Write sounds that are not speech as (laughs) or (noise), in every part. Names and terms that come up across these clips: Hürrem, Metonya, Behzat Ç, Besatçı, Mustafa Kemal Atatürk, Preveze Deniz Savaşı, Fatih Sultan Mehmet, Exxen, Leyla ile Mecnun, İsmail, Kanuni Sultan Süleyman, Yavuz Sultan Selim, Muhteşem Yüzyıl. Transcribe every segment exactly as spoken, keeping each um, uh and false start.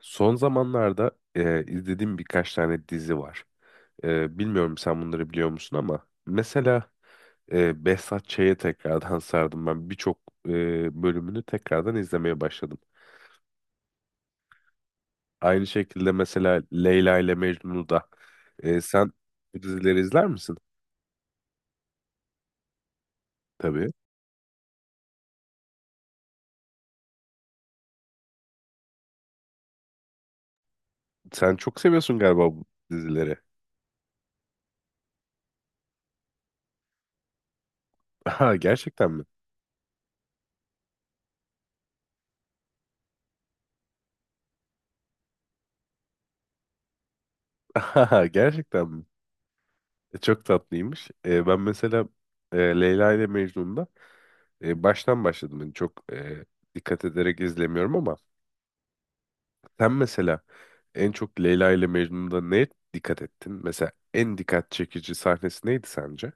Son zamanlarda e, izlediğim birkaç tane dizi var. E, bilmiyorum sen bunları biliyor musun ama mesela e, Behzat Ç'ye tekrardan (laughs) sardım ben. Birçok e, bölümünü tekrardan izlemeye başladım. Aynı şekilde mesela Leyla ile Mecnun'u da E, sen bu dizileri izler misin? Tabii. Sen çok seviyorsun galiba bu dizileri. (laughs) Aha, gerçekten mi? (laughs) Aha, gerçekten mi? E, Çok tatlıymış. E, ben mesela e, Leyla ile Mecnun'da e, baştan başladım. Yani çok e, dikkat ederek izlemiyorum ama sen mesela en çok Leyla ile Mecnun'da neye dikkat ettin? Mesela en dikkat çekici sahnesi neydi sence?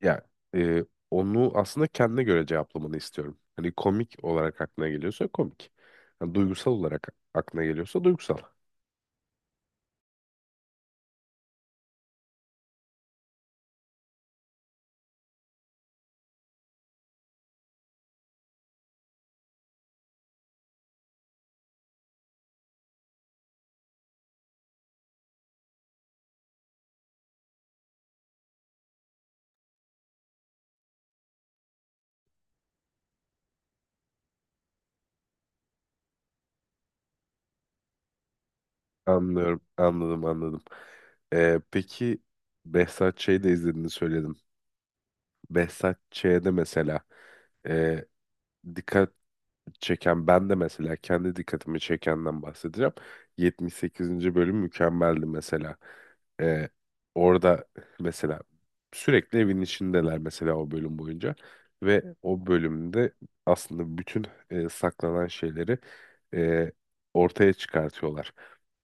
Ya e, onu aslında kendine göre cevaplamanı istiyorum. Hani komik olarak aklına geliyorsa komik. Yani duygusal olarak aklına geliyorsa duygusal. Anlıyorum, anladım, anladım. E, peki Behzat Ç'yi de izlediğini söyledin. Behzat Ç'de mesela e, dikkat çeken ben de mesela kendi dikkatimi çekenden bahsedeceğim. Yetmiş sekizinci bölüm mükemmeldi mesela. E, Orada mesela sürekli evin içindeler mesela o bölüm boyunca ve o bölümde aslında bütün e, saklanan şeyleri e, ortaya çıkartıyorlar.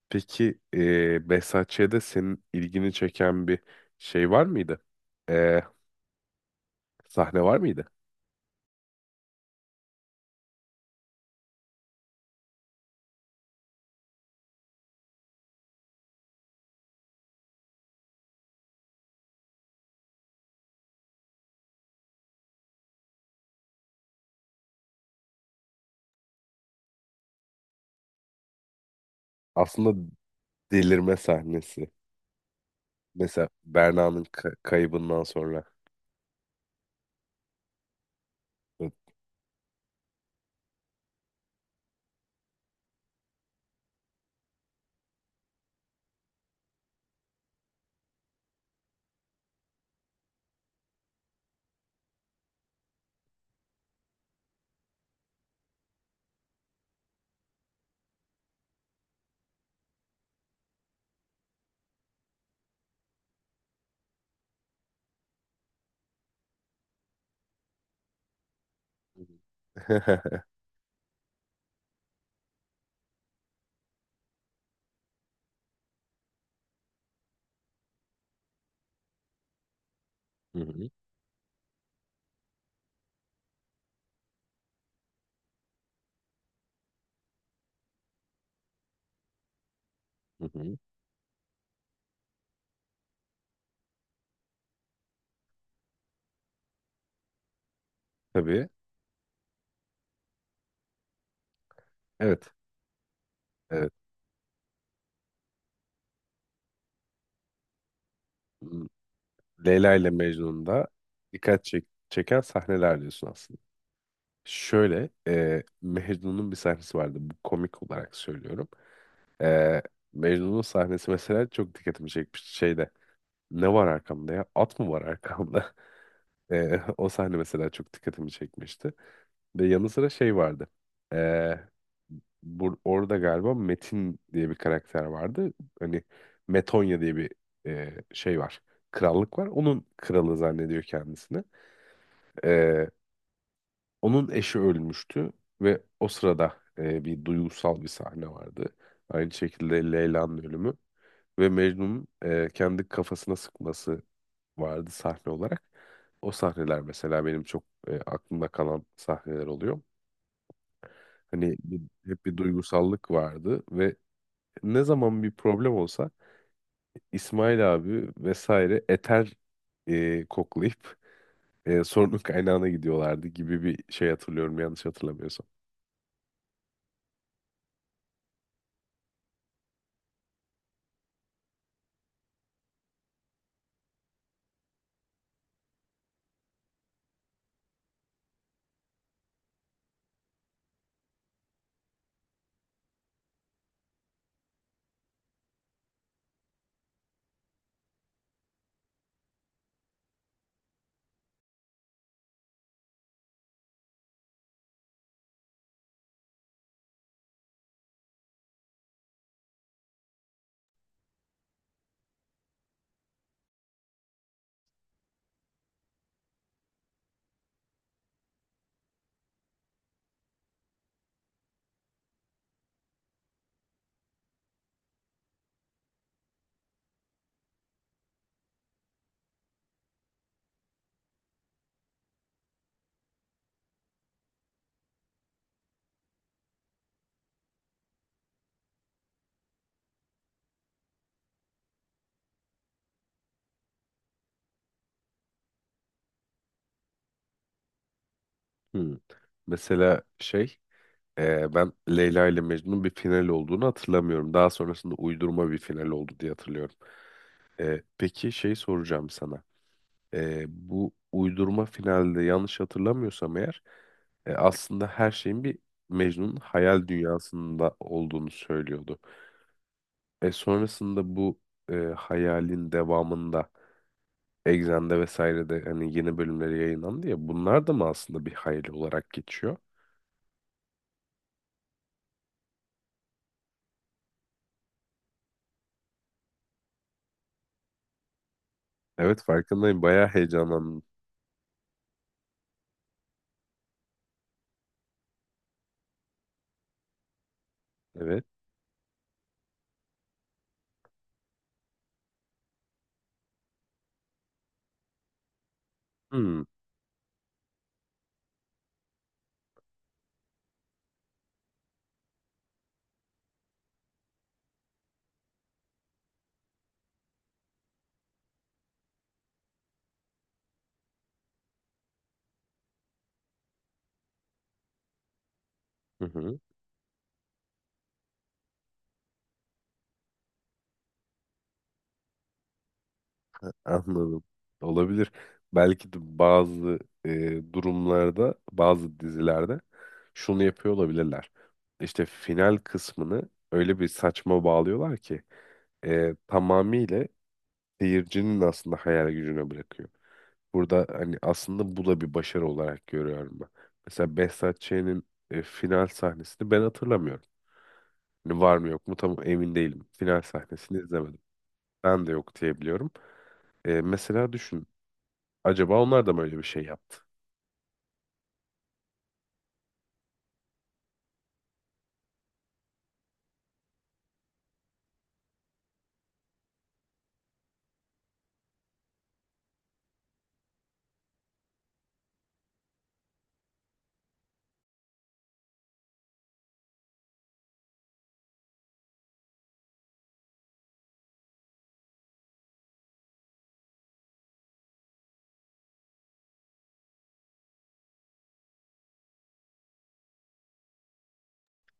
Peki e, Behzat Ç'de senin ilgini çeken bir şey var mıydı? E, Sahne var mıydı? Aslında delirme sahnesi. Mesela Berna'nın ka- kaybından sonra. Hı hı. (laughs) Hı hı, hı hı. Tabii. Evet. Evet. M- Leyla ile Mecnun'da dikkat çek- çeken sahneler diyorsun aslında. Şöyle e, Mecnun'un bir sahnesi vardı. Bu komik olarak söylüyorum. E, Mecnun'un sahnesi mesela çok dikkatimi çekmişti. Şeyde ne var arkamda ya? At mı var arkamda? (laughs) E, o sahne mesela çok dikkatimi çekmişti. Ve yanı sıra şey vardı. Ee, Bur orada galiba Metin diye bir karakter vardı. Hani Metonya diye bir e, şey var. Krallık var. Onun kralı zannediyor kendisini. Ee, Onun eşi ölmüştü ve o sırada e, bir duygusal bir sahne vardı. Aynı şekilde Leyla'nın ölümü ve Mecnun'un e, kendi kafasına sıkması vardı sahne olarak. O sahneler mesela benim çok e, aklımda kalan sahneler oluyor. Hani bir- Hep bir duygusallık vardı ve ne zaman bir problem olsa İsmail abi vesaire eter e, koklayıp e, sorunun kaynağına gidiyorlardı gibi bir şey hatırlıyorum yanlış hatırlamıyorsam. Hmm. Mesela şey e, ben Leyla ile Mecnun'un bir final olduğunu hatırlamıyorum. Daha sonrasında uydurma bir final oldu diye hatırlıyorum. E, peki şey soracağım sana. E, bu uydurma finalde yanlış hatırlamıyorsam eğer E, aslında her şeyin bir Mecnun'un hayal dünyasında olduğunu söylüyordu. E, sonrasında bu e, hayalin devamında Exxen'de vesairede hani yeni bölümleri yayınlandı ya bunlar da mı aslında bir hayal olarak geçiyor? Evet farkındayım bayağı heyecanlandım. Evet. Hmm, hı hı. Anladım. Olabilir. Belki de bazı e, durumlarda bazı dizilerde şunu yapıyor olabilirler. İşte final kısmını öyle bir saçma bağlıyorlar ki e, tamamıyla seyircinin aslında hayal gücüne bırakıyor. Burada hani aslında bu da bir başarı olarak görüyorum ben. Mesela Behzat Ç'nin e, final sahnesini ben hatırlamıyorum. Hani var mı yok mu tam emin değilim. Final sahnesini izlemedim. Ben de yok diyebiliyorum. E, mesela düşün. Acaba onlar da mı öyle bir şey yaptı?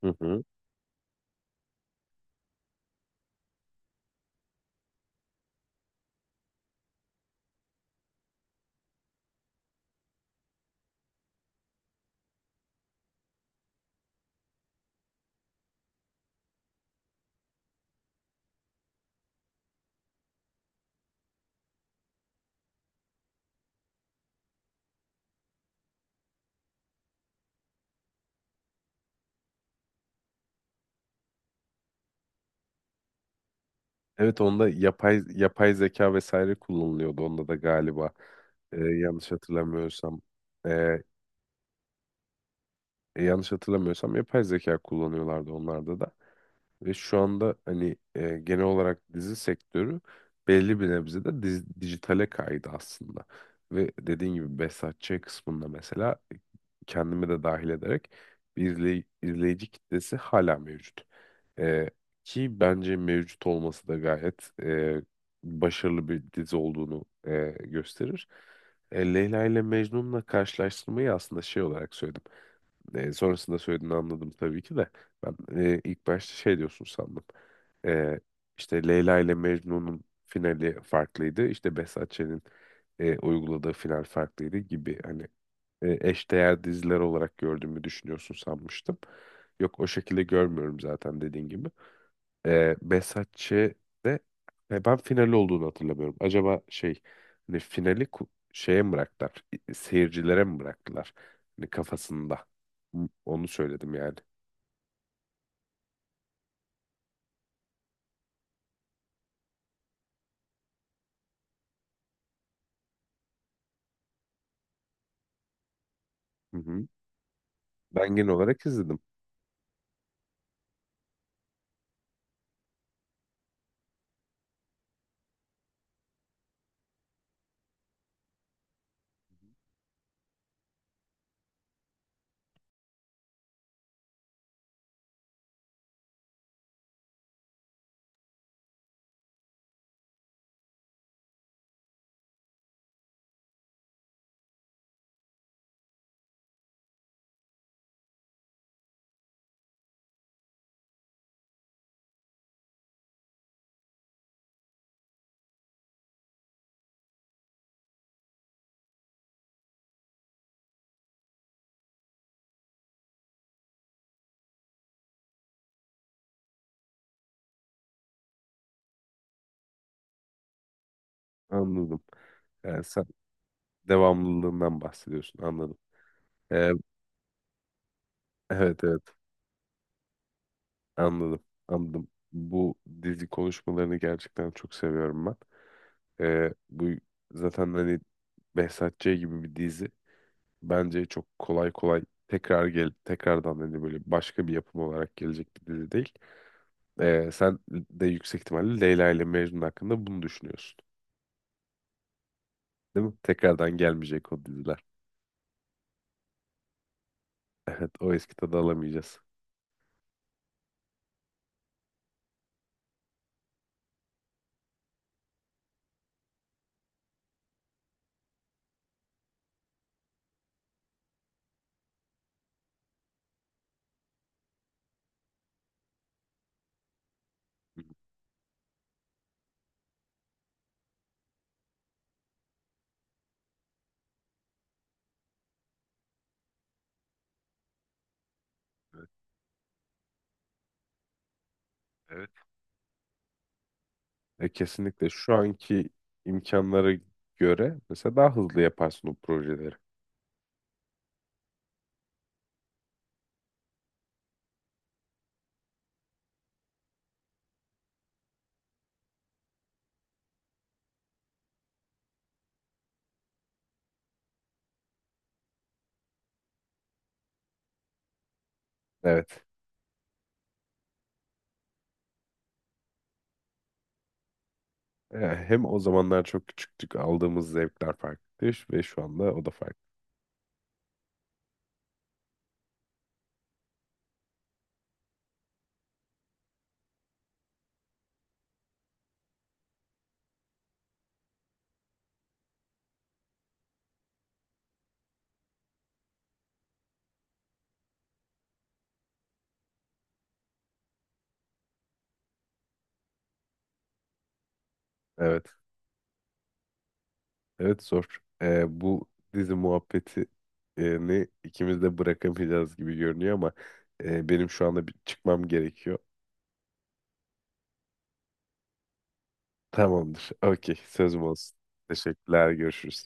Hı hı. Evet onda yapay yapay zeka vesaire kullanılıyordu. Onda da galiba e, yanlış hatırlamıyorsam e, yanlış hatırlamıyorsam yapay zeka kullanıyorlardı onlarda da. Ve şu anda hani e, genel olarak dizi sektörü belli bir nebzede diz- dijitale kaydı aslında. Ve dediğin gibi Behzat Ç. kısmında mesela e, kendimi de dahil ederek bir izley- izleyici kitlesi hala mevcut. E, Ki bence mevcut olması da gayet e, başarılı bir dizi olduğunu e, gösterir. E, Leyla ile Mecnun'la karşılaştırmayı aslında şey olarak söyledim. E, sonrasında söylediğini anladım tabii ki de. Ben e, ilk başta şey diyorsun sandım. E, işte Leyla ile Mecnun'un finali farklıydı. İşte Behzat Ç'nin e, uyguladığı final farklıydı gibi hani e, eşdeğer diziler olarak gördüğümü düşünüyorsun sanmıştım. Yok o şekilde görmüyorum zaten dediğin gibi. E, Besatçı'de e, ben finali olduğunu hatırlamıyorum. Acaba şey hani finali ku- şeye mi bıraktılar? E, Seyircilere mi bıraktılar? Hani kafasında. Hı, onu söyledim yani. Hı hı. Ben genel olarak izledim. Anladım. E, sen devamlılığından bahsediyorsun. Anladım. E, evet evet. Anladım. Anladım. Bu dizi konuşmalarını gerçekten çok seviyorum ben. E, bu zaten hani Behzat Ç. gibi bir dizi. Bence çok kolay kolay tekrar gel tekrardan hani böyle başka bir yapım olarak gelecek bir dizi değil. Ee, sen de yüksek ihtimalle Leyla ile Mecnun hakkında bunu düşünüyorsun. Değil mi? Tekrardan gelmeyecek o diziler. (laughs) Evet, o eski tadı alamayacağız. Evet. Evet. E, kesinlikle şu anki imkanlara göre mesela daha hızlı yaparsın o projeleri. Evet. E, hem o zamanlar çok küçüktük, aldığımız zevkler farklıydı ve şu anda o da farklı. Evet. Evet zor. Ee, bu dizi muhabbeti e, ne ikimiz de bırakamayacağız gibi görünüyor ama e, benim şu anda bir çıkmam gerekiyor. Tamamdır. Okey, sözüm olsun. Teşekkürler, görüşürüz.